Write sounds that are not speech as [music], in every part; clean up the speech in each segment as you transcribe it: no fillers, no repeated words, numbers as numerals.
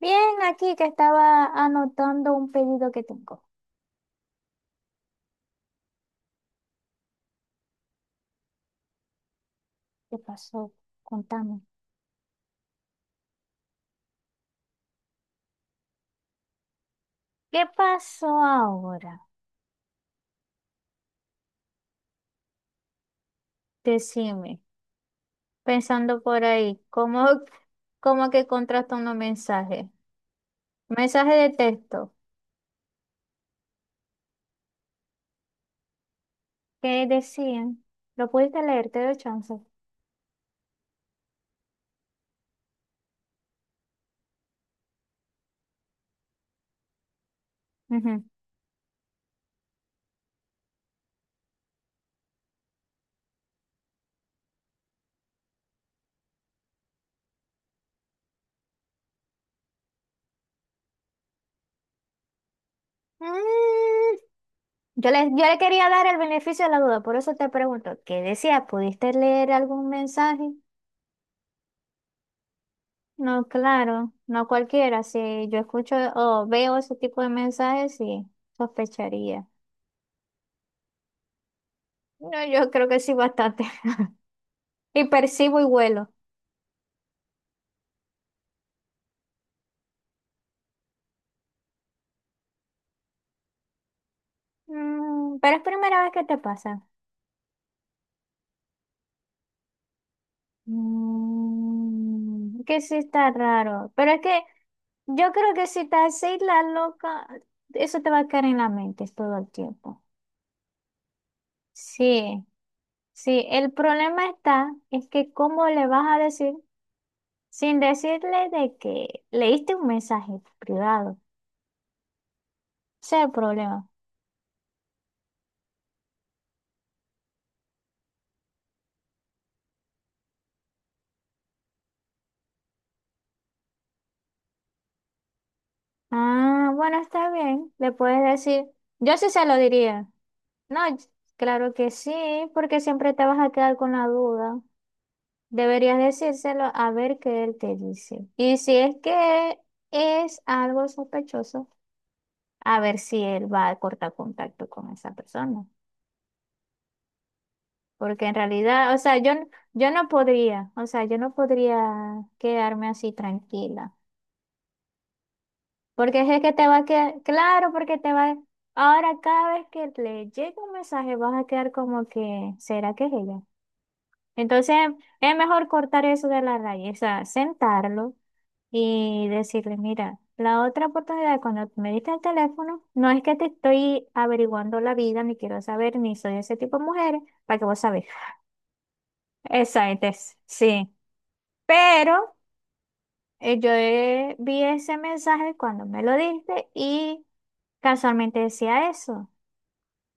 Bien, aquí que estaba anotando un pedido que tengo. ¿Qué pasó? Contame. ¿Qué pasó ahora? Decime, pensando por ahí, ¿cómo, cómo que contrasta unos mensajes? Mensaje de texto. ¿Qué decían? ¿Lo pudiste leer? Te doy chance. Ujú. Mm, yo le quería dar el beneficio de la duda, por eso te pregunto, ¿qué decía? ¿Pudiste leer algún mensaje? No, claro, no cualquiera. Si yo escucho o veo ese tipo de mensajes, sí, sospecharía. No, yo creo que sí, bastante. [laughs] Y percibo y vuelo. Mm, pero es primera vez que te pasa. Mm, que sí está raro. Pero es que yo creo que si estás así, la loca, eso te va a quedar en la mente todo el tiempo. Sí, sí. El problema está, es que cómo le vas a decir. Sin decirle de que leíste un mensaje privado. Ese es el problema. Ah, bueno, está bien. Le puedes decir, yo sí se lo diría. No, claro que sí, porque siempre te vas a quedar con la duda. Deberías decírselo a ver qué él te dice. Y si es que es algo sospechoso, a ver si él va a cortar contacto con esa persona. Porque en realidad, o sea, yo, yo no podría, o sea, yo no podría quedarme así tranquila. Porque es que te va a quedar, claro, porque te va, ahora cada vez que le llegue un mensaje vas a quedar como que, ¿será que es ella? Entonces es mejor cortar eso de la raíz, o sea, sentarlo y decirle, mira, la otra oportunidad cuando me diste el teléfono, no es que te estoy averiguando la vida, ni quiero saber, ni soy ese tipo de mujeres para que vos sabés. [laughs] Exacto, sí. Pero yo vi ese mensaje cuando me lo diste y casualmente decía eso.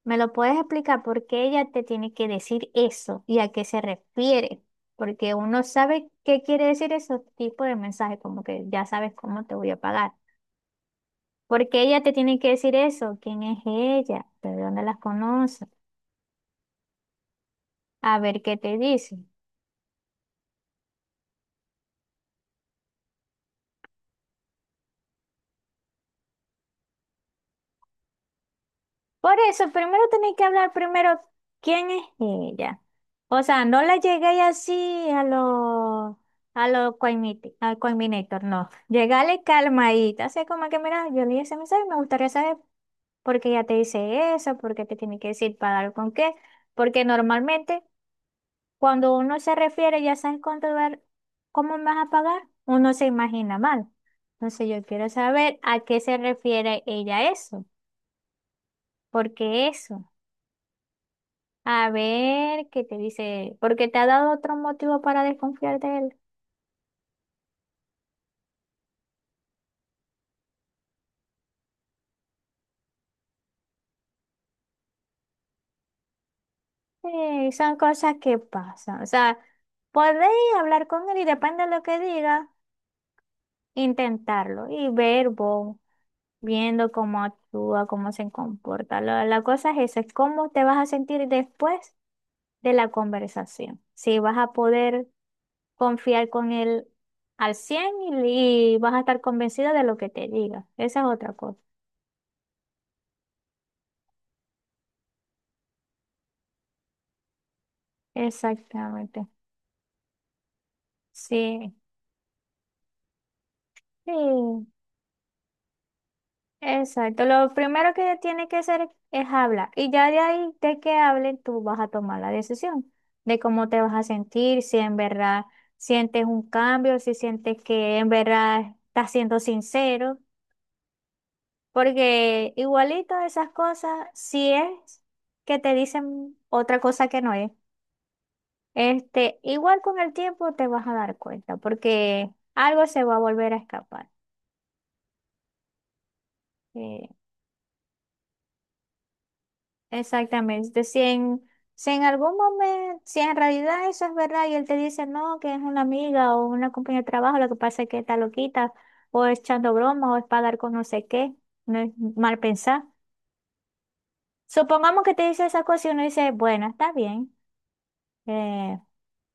¿Me lo puedes explicar por qué ella te tiene que decir eso y a qué se refiere? Porque uno sabe qué quiere decir esos tipos de mensajes, como que ya sabes cómo te voy a pagar. ¿Por qué ella te tiene que decir eso? ¿Quién es ella? ¿De dónde las conoces? A ver qué te dice. Por eso, primero tenéis que hablar primero quién es ella. O sea, no la llegué así a lo al Coiminator, no. Llegale calmadita, así como que, mira, yo leí ese mensaje y me gustaría saber por qué ella te dice eso, por qué te tiene que decir para dar con qué. Porque normalmente cuando uno se refiere, ya sabes cuánto ver, cómo me vas a pagar, uno se imagina mal. Entonces yo quiero saber a qué se refiere ella eso, por qué eso. A ver qué te dice, porque te ha dado otro motivo para desconfiar de él. Sí, son cosas que pasan. O sea, podéis hablar con él y depende de lo que diga, intentarlo y ver vos, viendo cómo actúa, cómo se comporta. La cosa es eso, es cómo te vas a sentir después de la conversación. Si vas a poder confiar con él al 100 y vas a estar convencido de lo que te diga. Esa es otra cosa. Exactamente. Sí. Sí, exacto. Lo primero que tiene que hacer es hablar. Y ya de ahí, de que hablen, tú vas a tomar la decisión de cómo te vas a sentir, si en verdad sientes un cambio, si sientes que en verdad estás siendo sincero. Porque igualito esas cosas, si es que te dicen otra cosa que no es, este, igual con el tiempo te vas a dar cuenta, porque algo se va a volver a escapar. Eh, Exactamente. Si en, si en algún momento, si en realidad eso es verdad y él te dice no, que es una amiga o una compañera de trabajo, lo que pasa es que está loquita o es echando broma o es para dar con no sé qué, no es mal pensar. Supongamos que te dice esa cosa y uno dice, bueno, está bien, eh,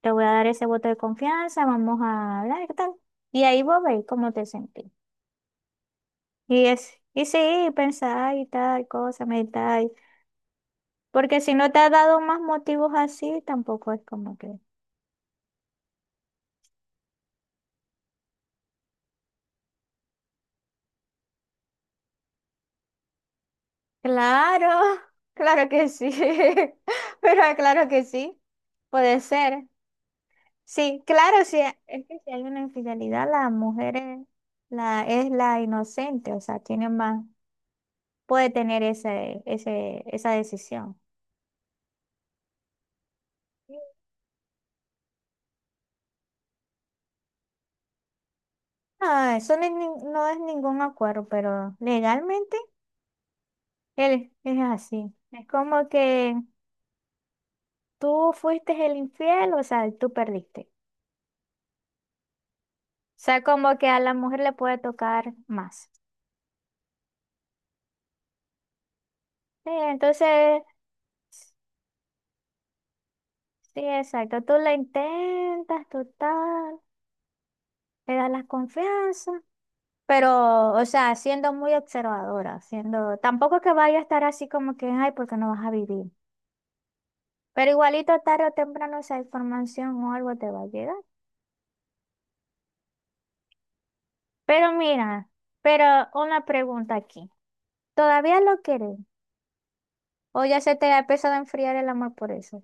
te voy a dar ese voto de confianza, vamos a hablar qué tal. Y ahí vos veis cómo te sentís. Y es, y sí, pensar y tal cosa, meditar. Porque si no te ha dado más motivos así, tampoco es como que. Claro, claro que sí, [laughs] pero claro que sí, puede ser. Sí, claro, sí, es que si hay una infidelidad, la mujer es la inocente, o sea, tiene más, puede tener ese, ese, esa decisión. Ah, eso no es, no es ningún acuerdo, pero legalmente él es así. Es como que tú fuiste el infiel, o sea, tú perdiste. O sea, como que a la mujer le puede tocar más. Sí, entonces sí, exacto. Tú la intentas, total, le das la confianza, pero, o sea, siendo muy observadora, siendo, tampoco que vaya a estar así como que, ay, porque no vas a vivir. Pero igualito tarde o temprano esa información o algo te va a llegar. Pero mira, pero una pregunta aquí. ¿Todavía lo quieres? ¿O ya se te ha empezado a enfriar el amor por eso?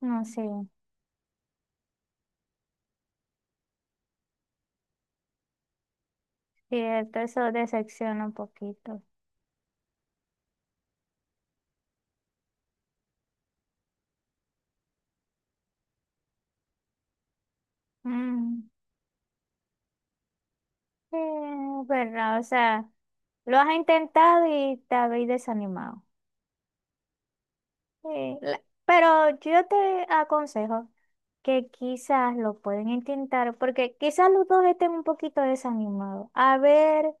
No sé, cierto, eso decepciona un poquito. Mm. Verdad o sea, lo has intentado y te habéis desanimado. Sí, pero yo te aconsejo que quizás lo pueden intentar, porque quizás los dos estén un poquito desanimados. A ver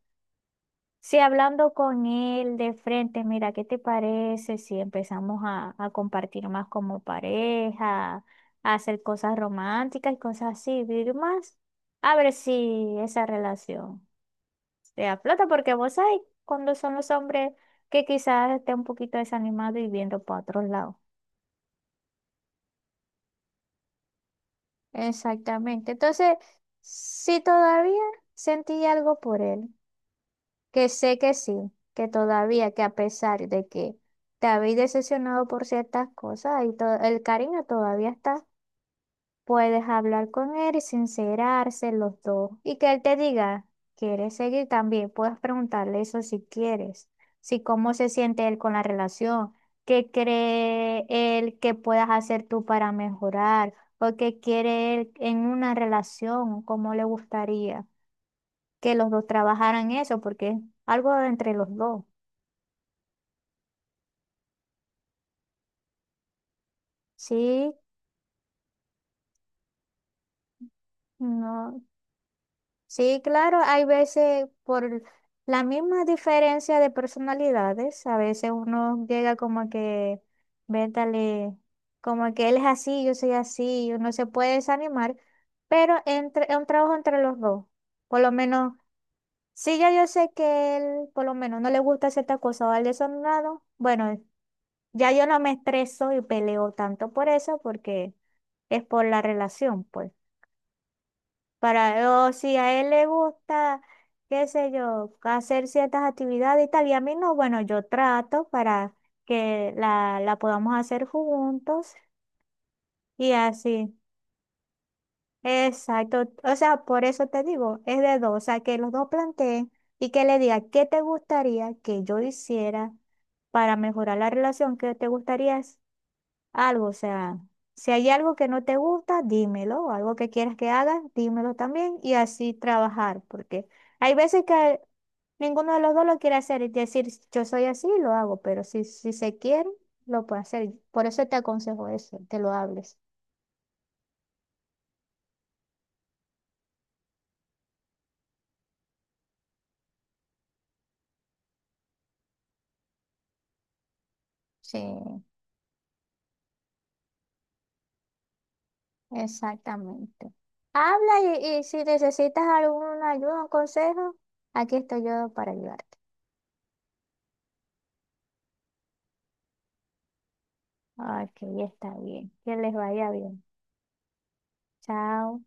si hablando con él de frente, mira, ¿qué te parece si empezamos a compartir más como pareja, a hacer cosas románticas y cosas así, vivir más? A ver si esa relación. Te da plata porque vos sabés cuando son los hombres que quizás estén un poquito desanimados y viendo para otros lados. Exactamente. Entonces, si todavía sentí algo por él, que sé que sí, que todavía, que a pesar de que te habéis decepcionado por ciertas cosas, y el cariño todavía está. Puedes hablar con él y sincerarse los dos. Y que él te diga, ¿quieres seguir también? Puedes preguntarle eso si quieres. Si cómo se siente él con la relación, qué cree él que puedas hacer tú para mejorar, o qué quiere él en una relación, cómo le gustaría que los dos trabajaran eso, porque es algo entre los dos. Sí, no. Sí, claro, hay veces por la misma diferencia de personalidades, a veces uno llega como que, véntale, como que él es así, yo soy así, y uno se puede desanimar, pero entre, es un trabajo entre los dos. Por lo menos, si ya yo sé que él, por lo menos, no le gusta cierta cosa o al desordenado, bueno, ya yo no me estreso y peleo tanto por eso, porque es por la relación, pues. Para, o si a él le gusta, qué sé yo, hacer ciertas actividades y tal, y a mí no, bueno, yo trato para que la podamos hacer juntos y así. Exacto. O sea, por eso te digo, es de dos, o sea, que los dos planteen y que le diga qué te gustaría que yo hiciera para mejorar la relación, qué te gustaría algo, o sea, si hay algo que no te gusta, dímelo, o algo que quieras que hagas, dímelo también y así trabajar, porque hay veces que ninguno de los dos lo quiere hacer y decir, yo soy así, lo hago, pero si, si se quiere, lo puede hacer. Por eso te aconsejo eso, que lo hables. Sí, exactamente. Habla y si necesitas alguna ayuda, un consejo, aquí estoy yo para ayudarte. Ok, está bien. Que les vaya bien. Chao.